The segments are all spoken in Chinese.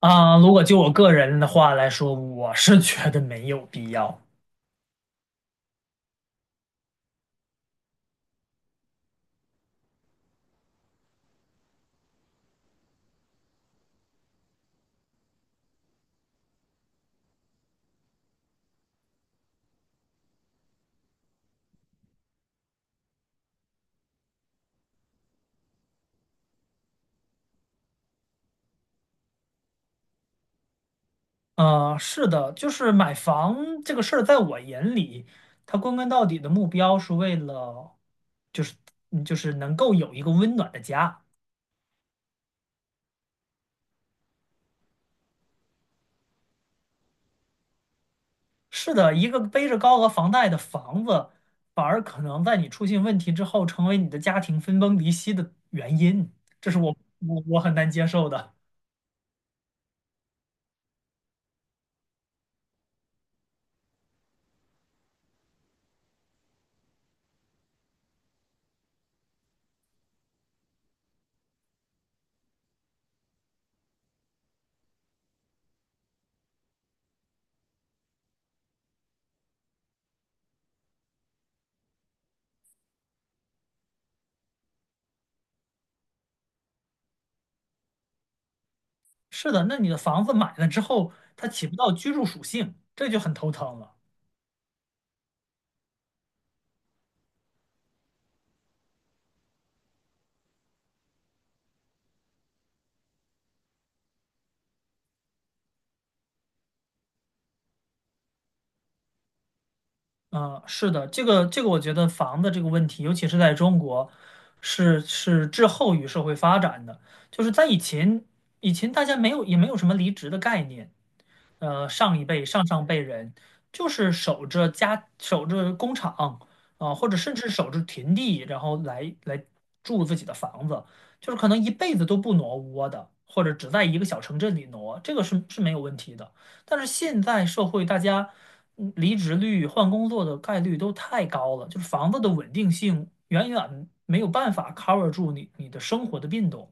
啊，如果就我个人的话来说，我是觉得没有必要。啊，是的，就是买房这个事儿，在我眼里，它归根到底的目标是为了，就是就是能够有一个温暖的家。是的，一个背着高额房贷的房子，反而可能在你出现问题之后，成为你的家庭分崩离析的原因。这是我很难接受的。是的，那你的房子买了之后，它起不到居住属性，这就很头疼了。嗯，是的，我觉得房子这个问题，尤其是在中国，是滞后于社会发展的。就是在以前，大家没有也没有什么离职的概念，上一辈、上上辈人，就是守着家、守着工厂啊、或者甚至守着田地，然后来住自己的房子，就是可能一辈子都不挪窝的，或者只在一个小城镇里挪，这个是没有问题的。但是现在社会，大家离职率、换工作的概率都太高了，就是房子的稳定性远远没有办法 cover 住你的生活的变动。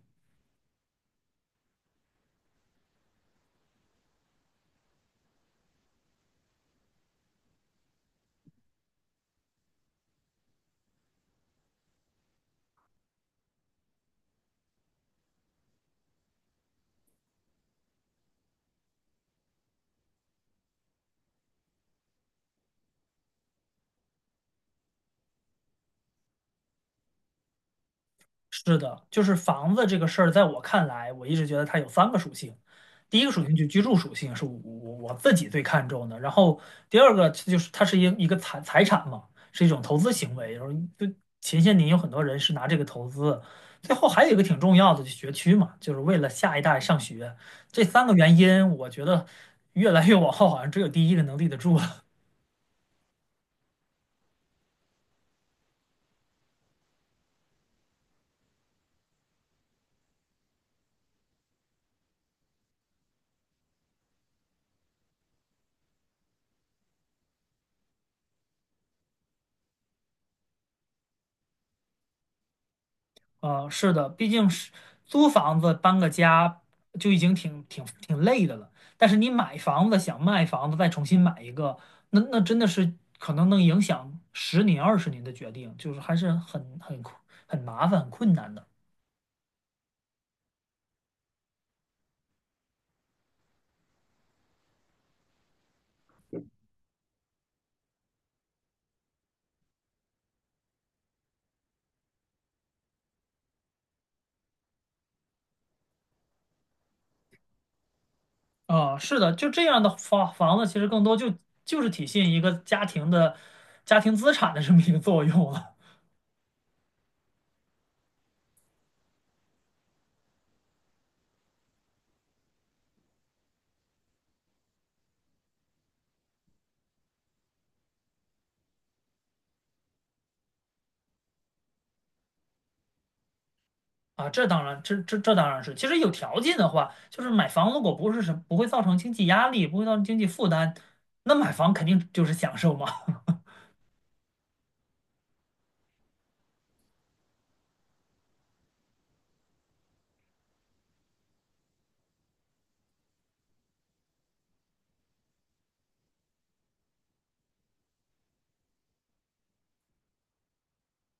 是的，就是房子这个事儿，在我看来，我一直觉得它有3个属性。第一个属性就居住属性是我自己最看重的，然后第二个就是它是一个财产嘛，是一种投资行为。然后就前些年有很多人是拿这个投资，最后还有一个挺重要的，就学区嘛，就是为了下一代上学。这3个原因，我觉得越来越往后，好像只有第一个能立得住了是的，毕竟是租房子搬个家就已经挺累的了，但是你买房子想卖房子再重新买一个，那真的是可能能影响10年20年的决定，就是还是很困很麻烦很困难的。啊、是的，就这样的房子其实更多就是体现一个家庭资产的这么一个作用了。啊，这当然，这当然是。其实有条件的话，就是买房如果不是什不会造成经济压力，不会造成经济负担，那买房肯定就是享受嘛。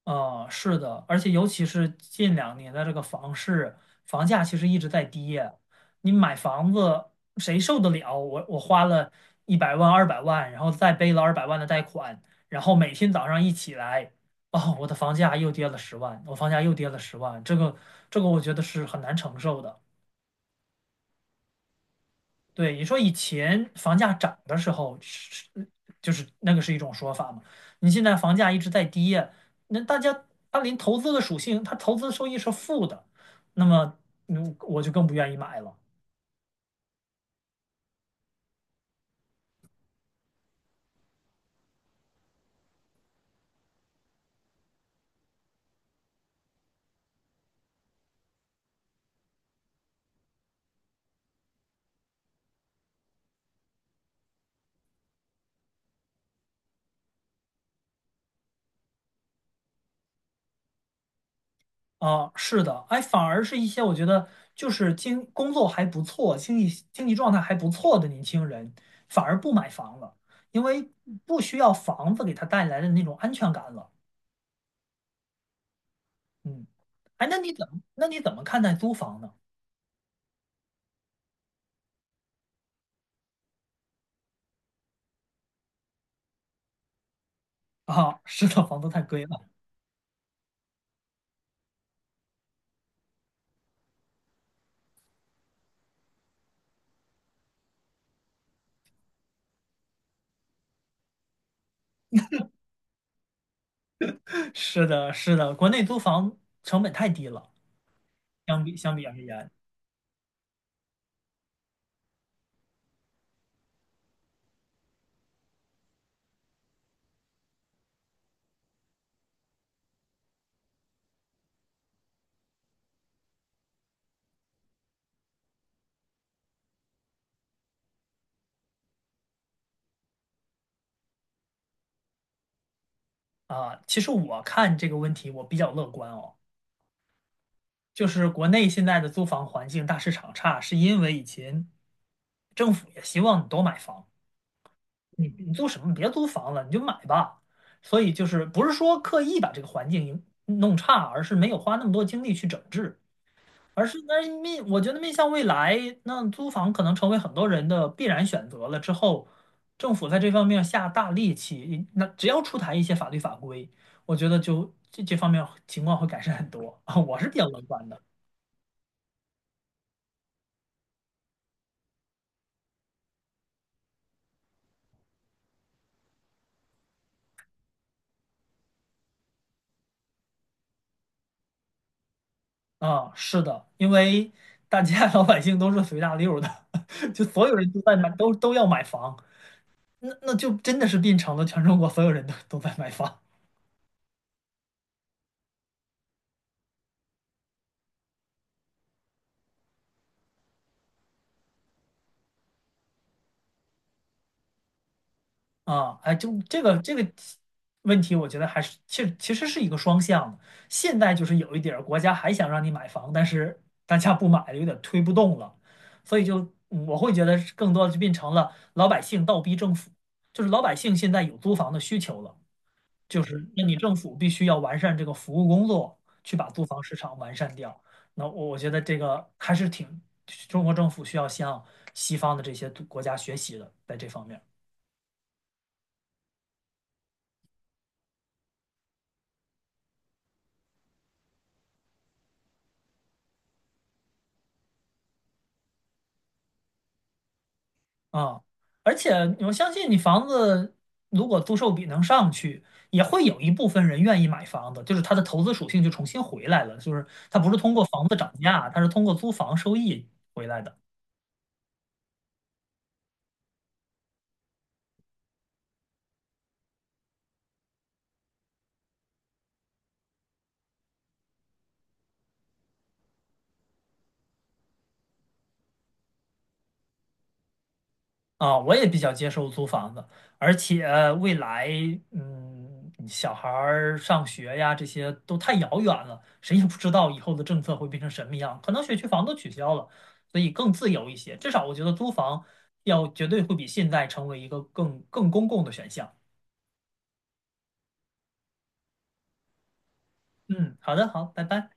啊，是的，而且尤其是近2年的这个房市，房价其实一直在跌。你买房子谁受得了？我花了100万、200万，然后再背了二百万的贷款，然后每天早上一起来，哦，我的房价又跌了十万，我房价又跌了十万，这个我觉得是很难承受的。对，你说以前房价涨的时候是，就是那个是一种说法嘛。你现在房价一直在跌，那大家它连投资的属性，它投资收益是负的，那么我就更不愿意买了啊。是的，哎，反而是一些我觉得就是工作还不错、经济状态还不错的年轻人，反而不买房了，因为不需要房子给他带来的那种安全感了。嗯，哎，那你怎么看待租房呢？啊，是的，房租太贵了。是的，是的，国内租房成本太低了，相比而言啊，其实我看这个问题我比较乐观哦，就是国内现在的租房环境大市场差，是因为以前政府也希望你多买房，你租什么？别租房了，你就买吧。所以就是不是说刻意把这个环境弄差，而是没有花那么多精力去整治。而是那面，我觉得面向未来，那租房可能成为很多人的必然选择了。之后，政府在这方面下大力气，那只要出台一些法律法规，我觉得就这方面情况会改善很多啊。我是比较乐观的啊，是的，因为大家 老百姓都是随大溜儿的，就所有人都在买，都要买房，那就真的是变成了全中国所有人都在买房。啊，哎，就这个问题，我觉得还是其实是一个双向的。现在就是有一点儿国家还想让你买房，但是大家不买了，有点推不动了，所以就我会觉得是更多的就变成了老百姓倒逼政府，就是老百姓现在有租房的需求了，就是那你政府必须要完善这个服务工作，去把租房市场完善掉。那我觉得这个还是挺中国政府需要向西方的这些国家学习的，在这方面。啊，而且我相信你房子如果租售比能上去，也会有一部分人愿意买房子，就是它的投资属性就重新回来了，就是它不是通过房子涨价，它是通过租房收益回来的。啊，我也比较接受租房子，而且未来，嗯，小孩儿上学呀，这些都太遥远了，谁也不知道以后的政策会变成什么样，可能学区房都取消了，所以更自由一些。至少我觉得租房要绝对会比现在成为一个更公共的选项。嗯，好的，好，拜拜。